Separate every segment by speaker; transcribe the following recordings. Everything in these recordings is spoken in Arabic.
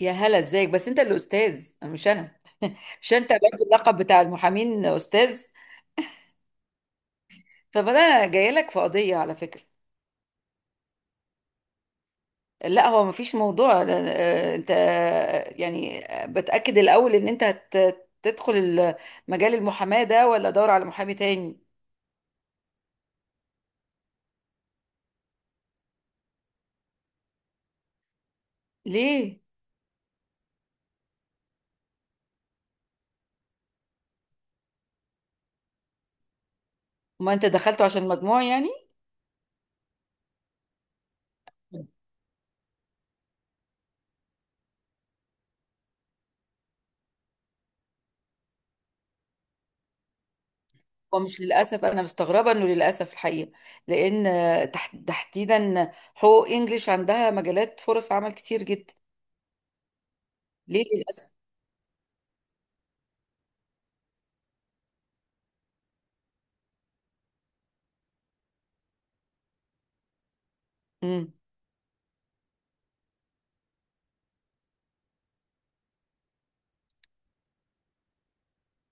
Speaker 1: يا هلا، ازيك؟ بس انت اللي استاذ، مش انا. مش انت برضه اللقب بتاع المحامين استاذ؟ طب انا جاي لك في قضيه على فكره. لا، هو مفيش موضوع انت، يعني، بتاكد الاول ان انت تدخل مجال المحاماه ده ولا دور على محامي تاني. ليه؟ ما انت دخلته عشان مجموع يعني. ومش للاسف، انا مستغربه انه للاسف الحقيقه، لان تحديدا حقوق انجليش عندها مجالات فرص عمل كتير جدا. ليه للاسف؟ مم.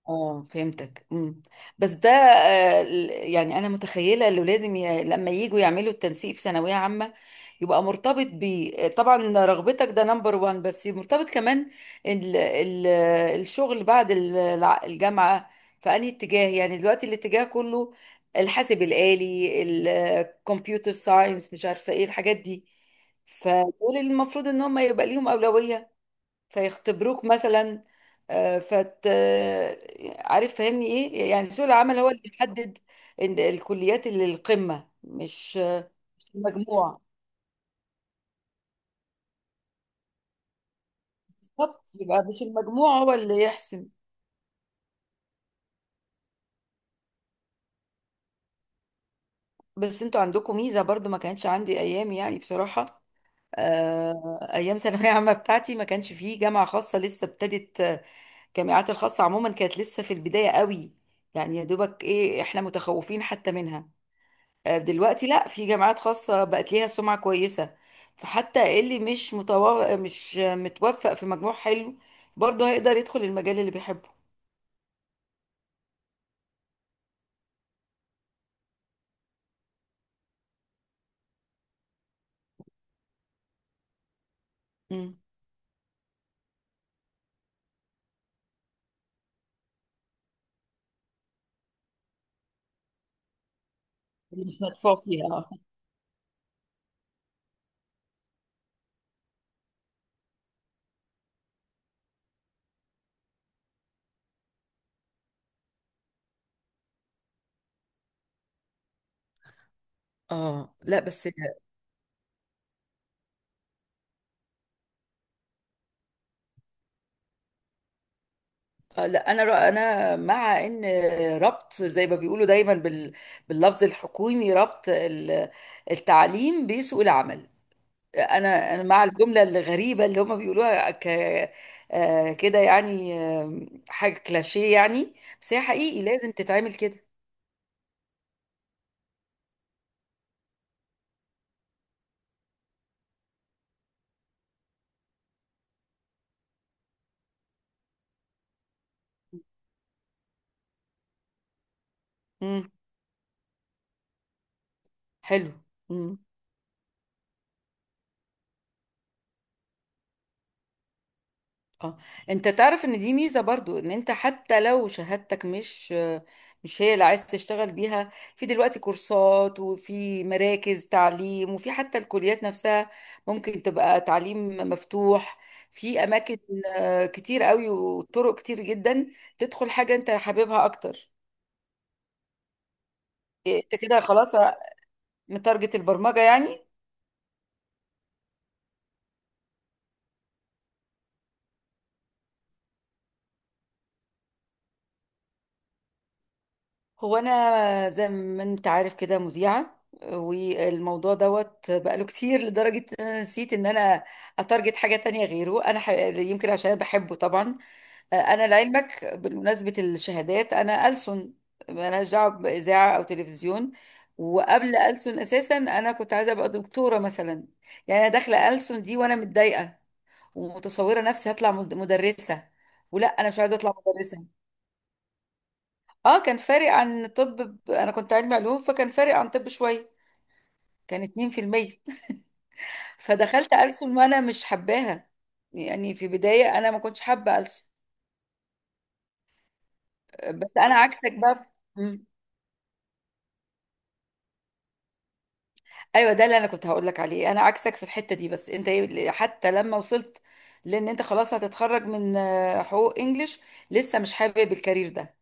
Speaker 1: اه، فهمتك. امم. بس ده يعني انا متخيله انه لازم لما يجوا يعملوا التنسيق في ثانويه عامه يبقى مرتبط ب طبعا رغبتك، ده نمبر وان، بس مرتبط كمان ال... ال... الشغل بعد الجامعه في انهي اتجاه. يعني دلوقتي الاتجاه كله الحاسب الآلي، الكمبيوتر ساينس، مش عارفه ايه الحاجات دي، فدول المفروض ان هم يبقى ليهم اولويه فيختبروك مثلا آه، فت آه، عارف فاهمني ايه. يعني سوق العمل هو اللي بيحدد إن الكليات اللي القمة مش المجموع، بالظبط. يبقى مش المجموع هو اللي يحسم. بس انتوا عندكم ميزة برضو ما كانتش عندي ايام يعني بصراحة. ايام ثانوية عامة بتاعتي ما كانش فيه جامعة خاصة، لسه ابتدت. الجامعات الخاصة عموما كانت لسه في البداية قوي، يعني يا دوبك ايه، احنا متخوفين حتى منها. دلوقتي لا، في جامعات خاصة بقت ليها سمعة كويسة، فحتى اللي مش متوفق في مجموع حلو برضه هيقدر يدخل المجال اللي بيحبه. مم. اللي مش مدفوع فيه، اه. اه لا بس لا، انا انا مع ان ربط زي ما بيقولوا دايما باللفظ الحكومي، ربط التعليم بسوق العمل. انا مع الجمله الغريبه اللي هم بيقولوها ك كده، يعني حاجه كلاشيه يعني، بس هي حقيقي لازم تتعمل كده. امم. حلو. اه. انت تعرف ان دي ميزة برضو، ان انت حتى لو شهادتك مش هي اللي عايز تشتغل بيها، في دلوقتي كورسات، وفي مراكز تعليم، وفي حتى الكليات نفسها ممكن تبقى تعليم مفتوح، في اماكن كتير قوي، وطرق كتير جدا تدخل حاجة انت حاببها اكتر. إيه، انت كده خلاص متارجت البرمجة يعني؟ هو انا زي ما انت عارف كده مذيعه، والموضوع دوت بقاله كتير لدرجه ان انا نسيت ان انا اتارجت حاجه تانية غيره. انا يمكن عشان أنا بحبه طبعا. انا لعلمك بمناسبه الشهادات انا ألسن، مالهاش دعوه باذاعه او تلفزيون. وقبل ألسن اساسا انا كنت عايزه ابقى دكتوره مثلا. يعني انا داخله ألسن دي وانا متضايقه، ومتصوره نفسي هطلع مدرسه، ولا انا مش عايزه اطلع مدرسه. اه، كان فارق عن طب. انا كنت علمي علوم، فكان فارق عن طب شويه. كان 2%. فدخلت ألسن وانا مش حباها. يعني في بدايه انا ما كنتش حابه ألسن. بس انا عكسك بقى مم. ايوه، ده اللي انا كنت هقول لك عليه. انا عكسك في الحته دي. بس انت حتى لما وصلت، لان انت خلاص هتتخرج من حقوق انجليش لسه مش حابب الكارير ده.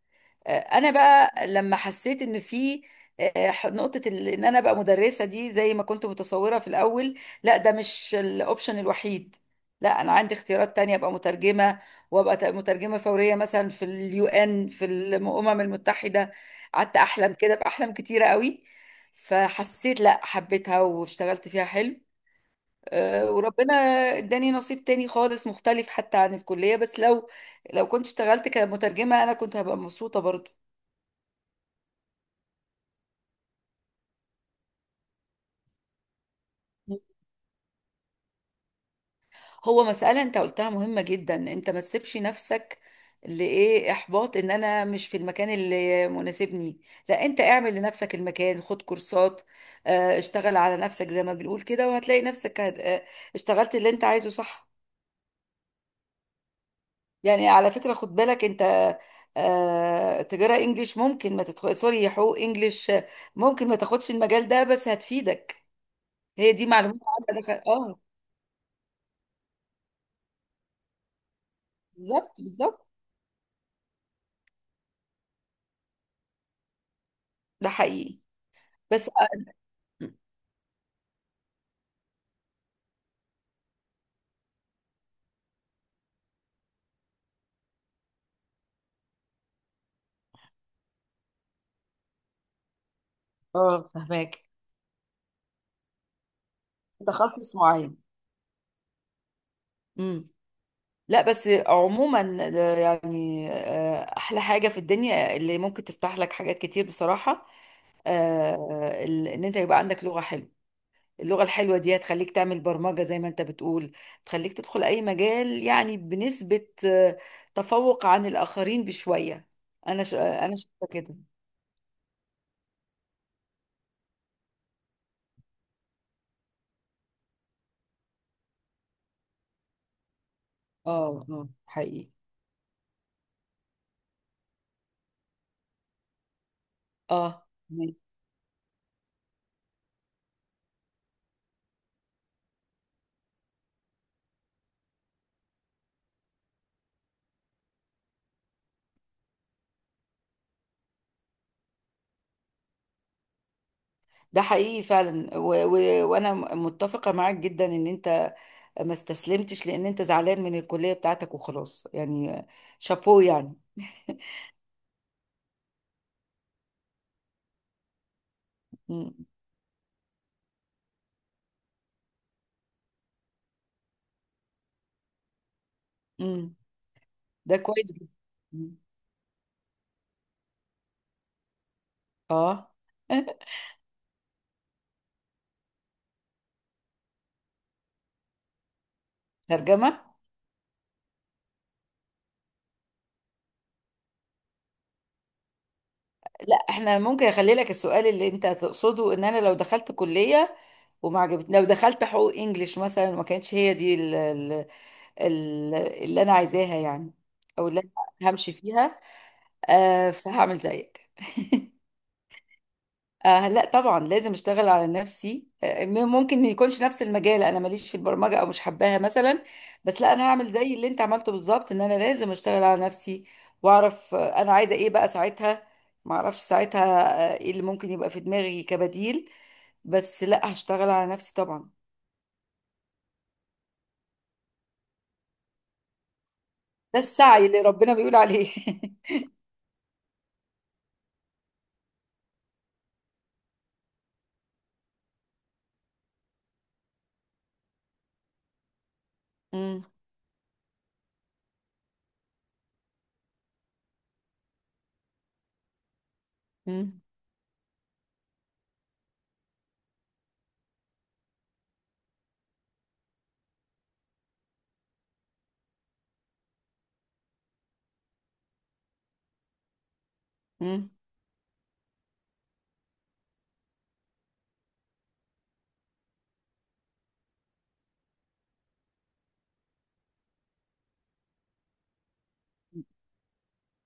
Speaker 1: انا بقى لما حسيت ان في نقطة ان انا بقى مدرسة دي زي ما كنت متصورة في الاول، لا، ده مش الاوبشن الوحيد. لا، انا عندي اختيارات تانية، ابقى مترجمة، وابقى مترجمة فورية مثلا في اليو ان، في الامم المتحدة. قعدت احلم كده باحلام كتيرة قوي، فحسيت لا، حبيتها واشتغلت فيها حلو. وربنا اداني نصيب تاني خالص، مختلف حتى عن الكلية. بس لو كنت اشتغلت كمترجمة، انا كنت هبقى مبسوطة برضو. هو مسألة انت قلتها مهمة جدا، انت ما تسيبش نفسك لإيه إحباط إن أنا مش في المكان اللي مناسبني. لا، انت اعمل لنفسك المكان، خد كورسات، اشتغل على نفسك زي ما بنقول كده، وهتلاقي نفسك اشتغلت اللي انت عايزه، صح؟ يعني على فكرة خد بالك انت، تجارة انجليش ممكن ما تدخل، سوري، حقوق انجليش، ممكن ما تاخدش المجال ده بس هتفيدك. هي دي معلومات عامة، دخل اه. بالظبط بالظبط. ده حقيقي. بس اه، فهماك. تخصص معين. امم. لا بس عموما ده يعني احلى حاجه في الدنيا اللي ممكن تفتح لك حاجات كتير بصراحه. ان انت يبقى عندك لغه حلوه، اللغه الحلوه دي هتخليك تعمل برمجه زي ما انت بتقول، تخليك تدخل اي مجال. يعني بنسبه تفوق عن الاخرين بشويه. انا ش... آه، انا شايفه كده. اه اه حقيقي. اه. ده حقيقي فعلا وانا متفقه معاك جدا ان انت ما استسلمتش لان انت زعلان من الكلية بتاعتك وخلاص يعني. شابوه يعني. مم. مم. ده كويس جدا. مم. اه. ترجمة. لا، احنا ممكن اخلي لك السؤال اللي انت تقصده، ان انا لو دخلت كلية وما عجبت، لو دخلت حقوق انجليش مثلا، ما كانتش هي دي اللي انا عايزاها يعني، او اللي انا همشي فيها. آه، فهعمل زيك. آه لا طبعا، لازم اشتغل على نفسي. ممكن ما يكونش نفس المجال، انا ماليش في البرمجه او مش حباها مثلا، بس لا، انا هعمل زي اللي انت عملته بالظبط، ان انا لازم اشتغل على نفسي. واعرف آه، انا عايزه ايه بقى ساعتها. ما اعرفش ساعتها آه، ايه اللي ممكن يبقى في دماغي كبديل. بس لا، هشتغل على نفسي طبعا. ده السعي اللي ربنا بيقول عليه. مم، مم، مم.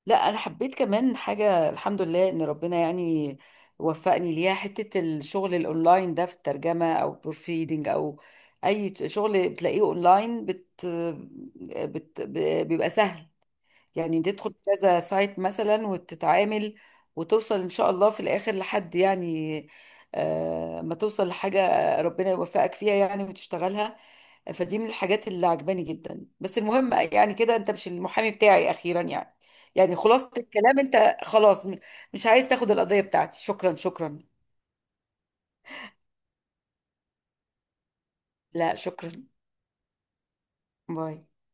Speaker 1: لا، انا حبيت كمان حاجه، الحمد لله ان ربنا يعني وفقني ليها، حته الشغل الاونلاين ده في الترجمه او بروفيدنج او اي شغل بتلاقيه اونلاين بت... بيبقى سهل. يعني تدخل كذا سايت مثلا وتتعامل، وتوصل ان شاء الله في الاخر لحد يعني ما توصل لحاجة ربنا يوفقك فيها يعني وتشتغلها. فدي من الحاجات اللي عجباني جدا. بس المهم يعني كده انت مش المحامي بتاعي اخيرا يعني. يعني خلاصة الكلام انت خلاص مش عايز تاخد القضية بتاعتي. شكرا، شكرا. لا شكرا. باي.